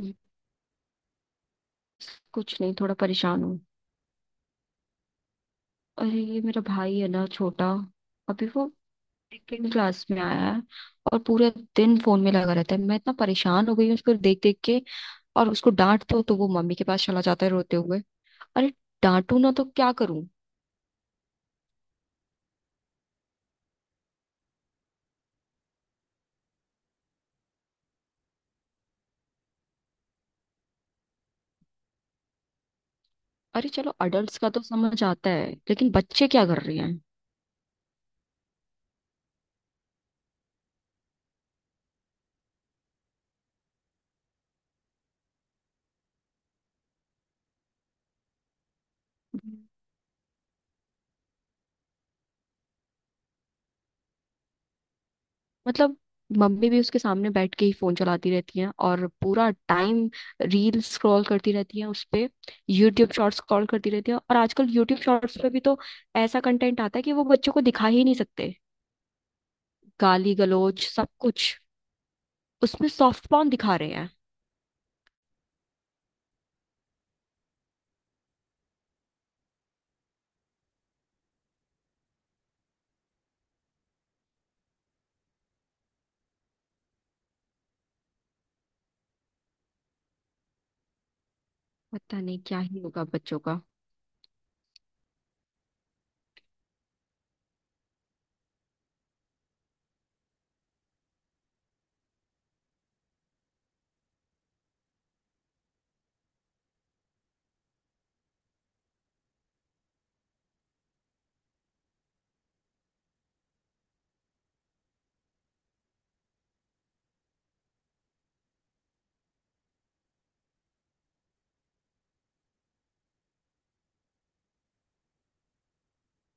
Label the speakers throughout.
Speaker 1: हम्म, कुछ नहीं, थोड़ा परेशान हूँ। अरे, ये मेरा भाई है ना, छोटा। अभी वो सेकेंड क्लास में आया है। और पूरे दिन फोन में लगा रहता है। मैं इतना परेशान हो गई हूँ उसको देख देख के। और उसको डांट दो तो वो मम्मी के पास चला जाता है रोते हुए। अरे, डांटू ना तो क्या करूं। अरे चलो, अडल्ट्स का तो समझ आता है लेकिन बच्चे क्या कर रहे हैं। मतलब मम्मी भी उसके सामने बैठ के ही फोन चलाती रहती हैं और पूरा टाइम रील स्क्रॉल करती रहती हैं उस पे। यूट्यूब शॉर्ट्स स्क्रॉल करती रहती हैं। और आजकल यूट्यूब शॉर्ट्स पे भी तो ऐसा कंटेंट आता है कि वो बच्चों को दिखा ही नहीं सकते। गाली गलौज सब कुछ, उसमें सॉफ्ट पॉर्न दिखा रहे हैं। पता नहीं क्या ही होगा बच्चों का।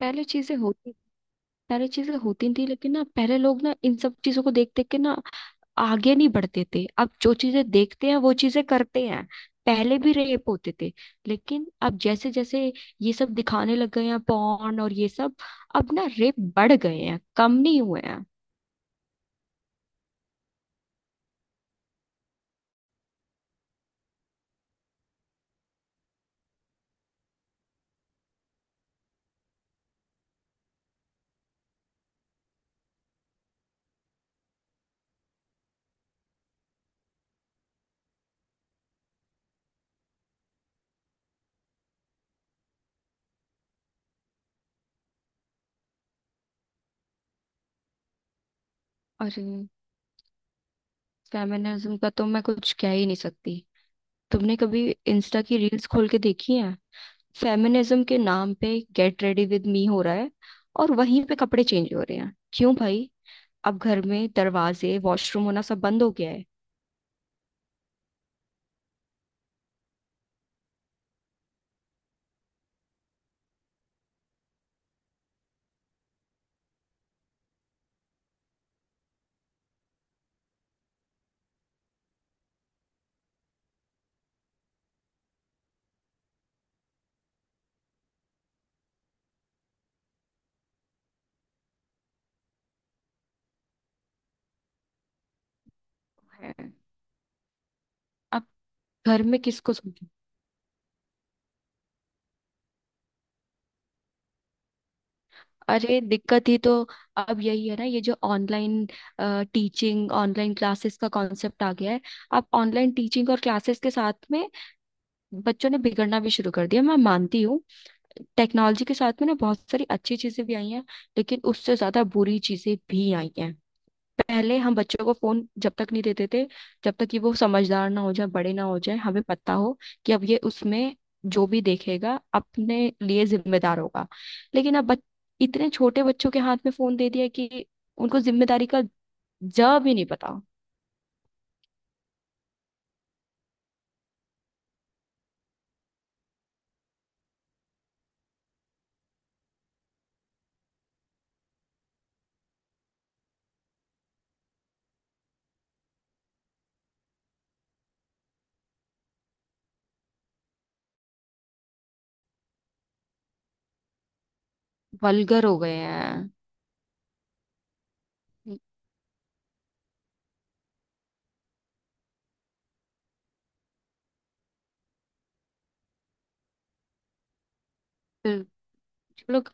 Speaker 1: पहले चीजें होती पहले चीजें होती नहीं थी, लेकिन ना पहले लोग ना इन सब चीजों को देख देख के ना आगे नहीं बढ़ते थे। अब जो चीजें देखते हैं वो चीजें करते हैं। पहले भी रेप होते थे, लेकिन अब जैसे जैसे ये सब दिखाने लग गए हैं, पॉर्न और ये सब, अब ना रेप बढ़ गए हैं, कम नहीं हुए हैं। अरे, फेमिनिज्म का तो मैं कुछ कह ही नहीं सकती। तुमने कभी इंस्टा की रील्स खोल के देखी है? फेमिनिज्म के नाम पे गेट रेडी विद मी हो रहा है और वहीं पे कपड़े चेंज हो रहे हैं, क्यों भाई। अब घर में दरवाजे वॉशरूम होना सब बंद हो गया है। है। अब घर में किसको। अरे, दिक्कत ही तो अब यही है ना। ये जो ऑनलाइन टीचिंग ऑनलाइन क्लासेस का कॉन्सेप्ट आ गया है। अब ऑनलाइन टीचिंग और क्लासेस के साथ में बच्चों ने बिगड़ना भी शुरू कर दिया, मैं मानती हूँ। टेक्नोलॉजी के साथ में ना बहुत सारी अच्छी चीजें भी आई हैं, लेकिन उससे ज्यादा बुरी चीजें भी आई हैं। पहले हम बच्चों को फोन जब तक नहीं देते थे, जब तक कि वो समझदार ना हो जाए, बड़े ना हो जाए, हमें पता हो कि अब ये उसमें जो भी देखेगा अपने लिए जिम्मेदार होगा। लेकिन अब इतने छोटे बच्चों के हाथ में फोन दे दिया कि उनको जिम्मेदारी का ज भी नहीं पता। वल्गर हो गए हैं। बिल्कुल,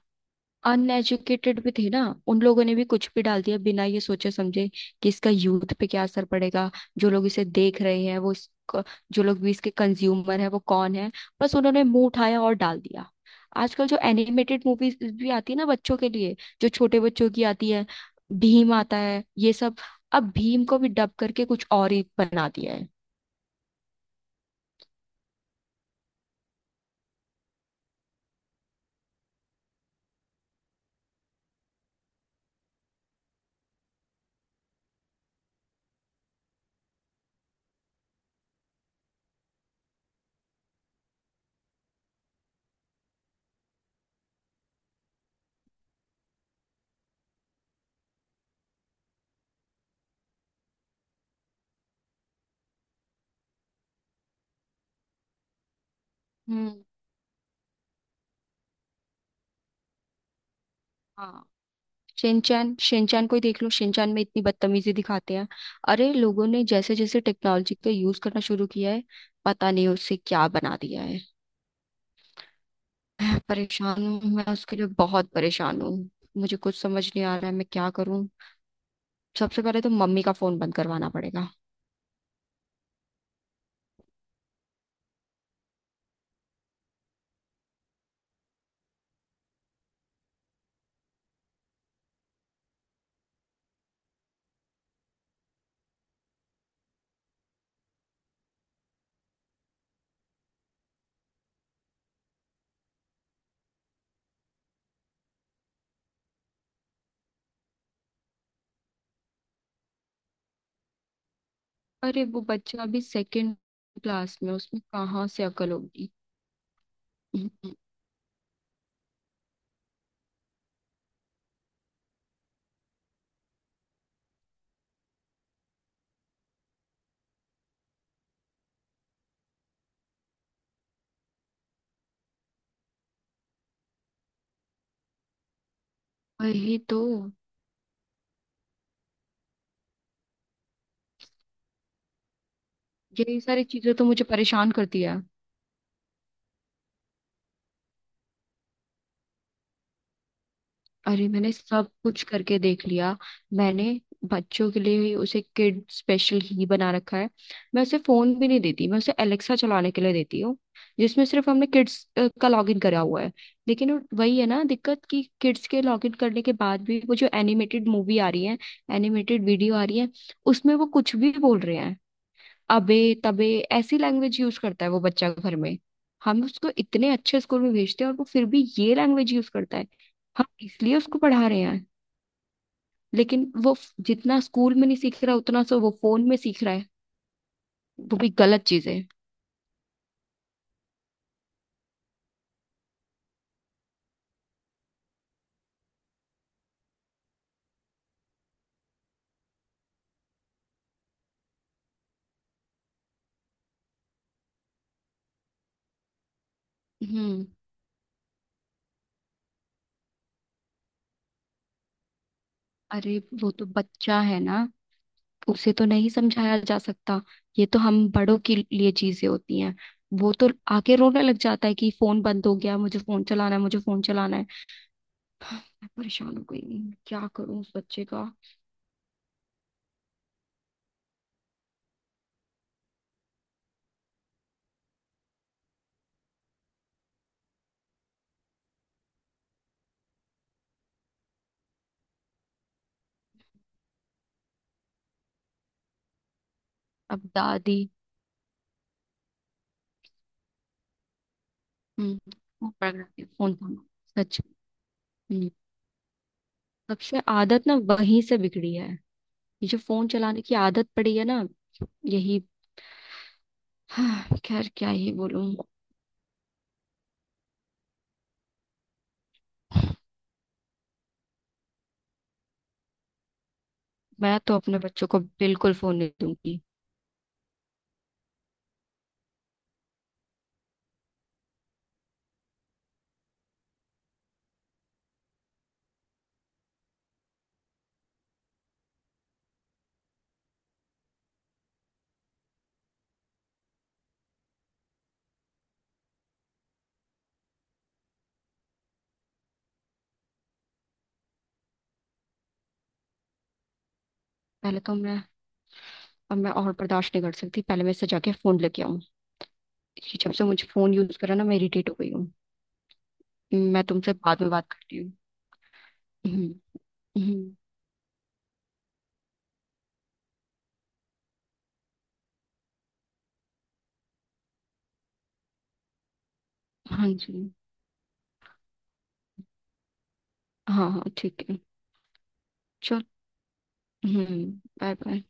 Speaker 1: अनएजुकेटेड भी थे ना, उन लोगों ने भी कुछ भी डाल दिया बिना ये सोचे समझे कि इसका यूथ पे क्या असर पड़ेगा। जो लोग इसे देख रहे हैं, जो लोग भी इसके कंज्यूमर है वो कौन है। बस उन्होंने मुंह उठाया और डाल दिया। आजकल जो एनिमेटेड मूवीज भी आती है ना बच्चों के लिए, जो छोटे बच्चों की आती है, भीम आता है ये सब, अब भीम को भी डब करके कुछ और ही बना दिया है। हम्म। हाँ। शिनचैन, शिनचैन को ही देख लो, शिनचैन में इतनी बदतमीजी दिखाते हैं। अरे, लोगों ने जैसे जैसे टेक्नोलॉजी का यूज करना शुरू किया है, पता नहीं उससे क्या बना दिया है। मैं परेशान हूँ, मैं उसके लिए बहुत परेशान हूँ। मुझे कुछ समझ नहीं आ रहा है, मैं क्या करूँ। सबसे पहले तो मम्मी का फोन बंद करवाना पड़ेगा। अरे, वो बच्चा अभी सेकंड क्लास में, उसमें कहाँ से अकल होगी। हम्म, वही तो। यही सारी चीजें तो मुझे परेशान करती है। अरे, मैंने सब कुछ करके देख लिया। मैंने बच्चों के लिए ही उसे किड स्पेशल ही बना रखा है। मैं उसे फोन भी नहीं देती, मैं उसे एलेक्सा चलाने के लिए देती हूँ। जिसमें सिर्फ हमने किड्स का लॉगिन करा हुआ है। लेकिन वही है ना दिक्कत, कि किड्स के लॉगिन करने के बाद भी वो जो एनिमेटेड मूवी आ रही है, एनिमेटेड वीडियो आ रही है, उसमें वो कुछ भी बोल रहे हैं। अबे तबे, ऐसी लैंग्वेज यूज करता है वो बच्चा घर में। हम उसको इतने अच्छे स्कूल में भेजते हैं और वो फिर भी ये लैंग्वेज यूज करता है। हम इसलिए उसको पढ़ा रहे हैं। लेकिन जितना स्कूल में नहीं सीख रहा उतना सो वो फोन में सीख रहा है। वो भी गलत चीजें। हम्म। अरे वो तो बच्चा है ना, उसे तो नहीं समझाया जा सकता। ये तो हम बड़ों के लिए चीजें होती हैं। वो तो आके रोने लग जाता है कि फोन बंद हो गया, मुझे फोन चलाना है, मुझे फोन चलाना है। मैं परेशान हो गई। क्या करूं उस बच्चे का। अब दादी। हम्म। वो पकड़ के फोन थामा। सच। हम्म। सबसे आदत ना वहीं से बिगड़ी है। ये जो फोन चलाने की आदत पड़ी है ना, यही। हाँ, खैर, क्या ही बोलूं। मैं तो अपने बच्चों को बिल्कुल फोन नहीं दूंगी। पहले तो मैं अब मैं और बर्दाश्त नहीं कर सकती, पहले मैं इससे जाके फोन लेके आऊं। ये जब से मुझे फोन यूज करा ना, मैं इरिटेट हो गई हूँ। मैं तुमसे बाद में बात करती हूँ। हम्म। हम्म। हाँ जी। हाँ, हाँ, ठीक है। चल। हम्म। Bye bye.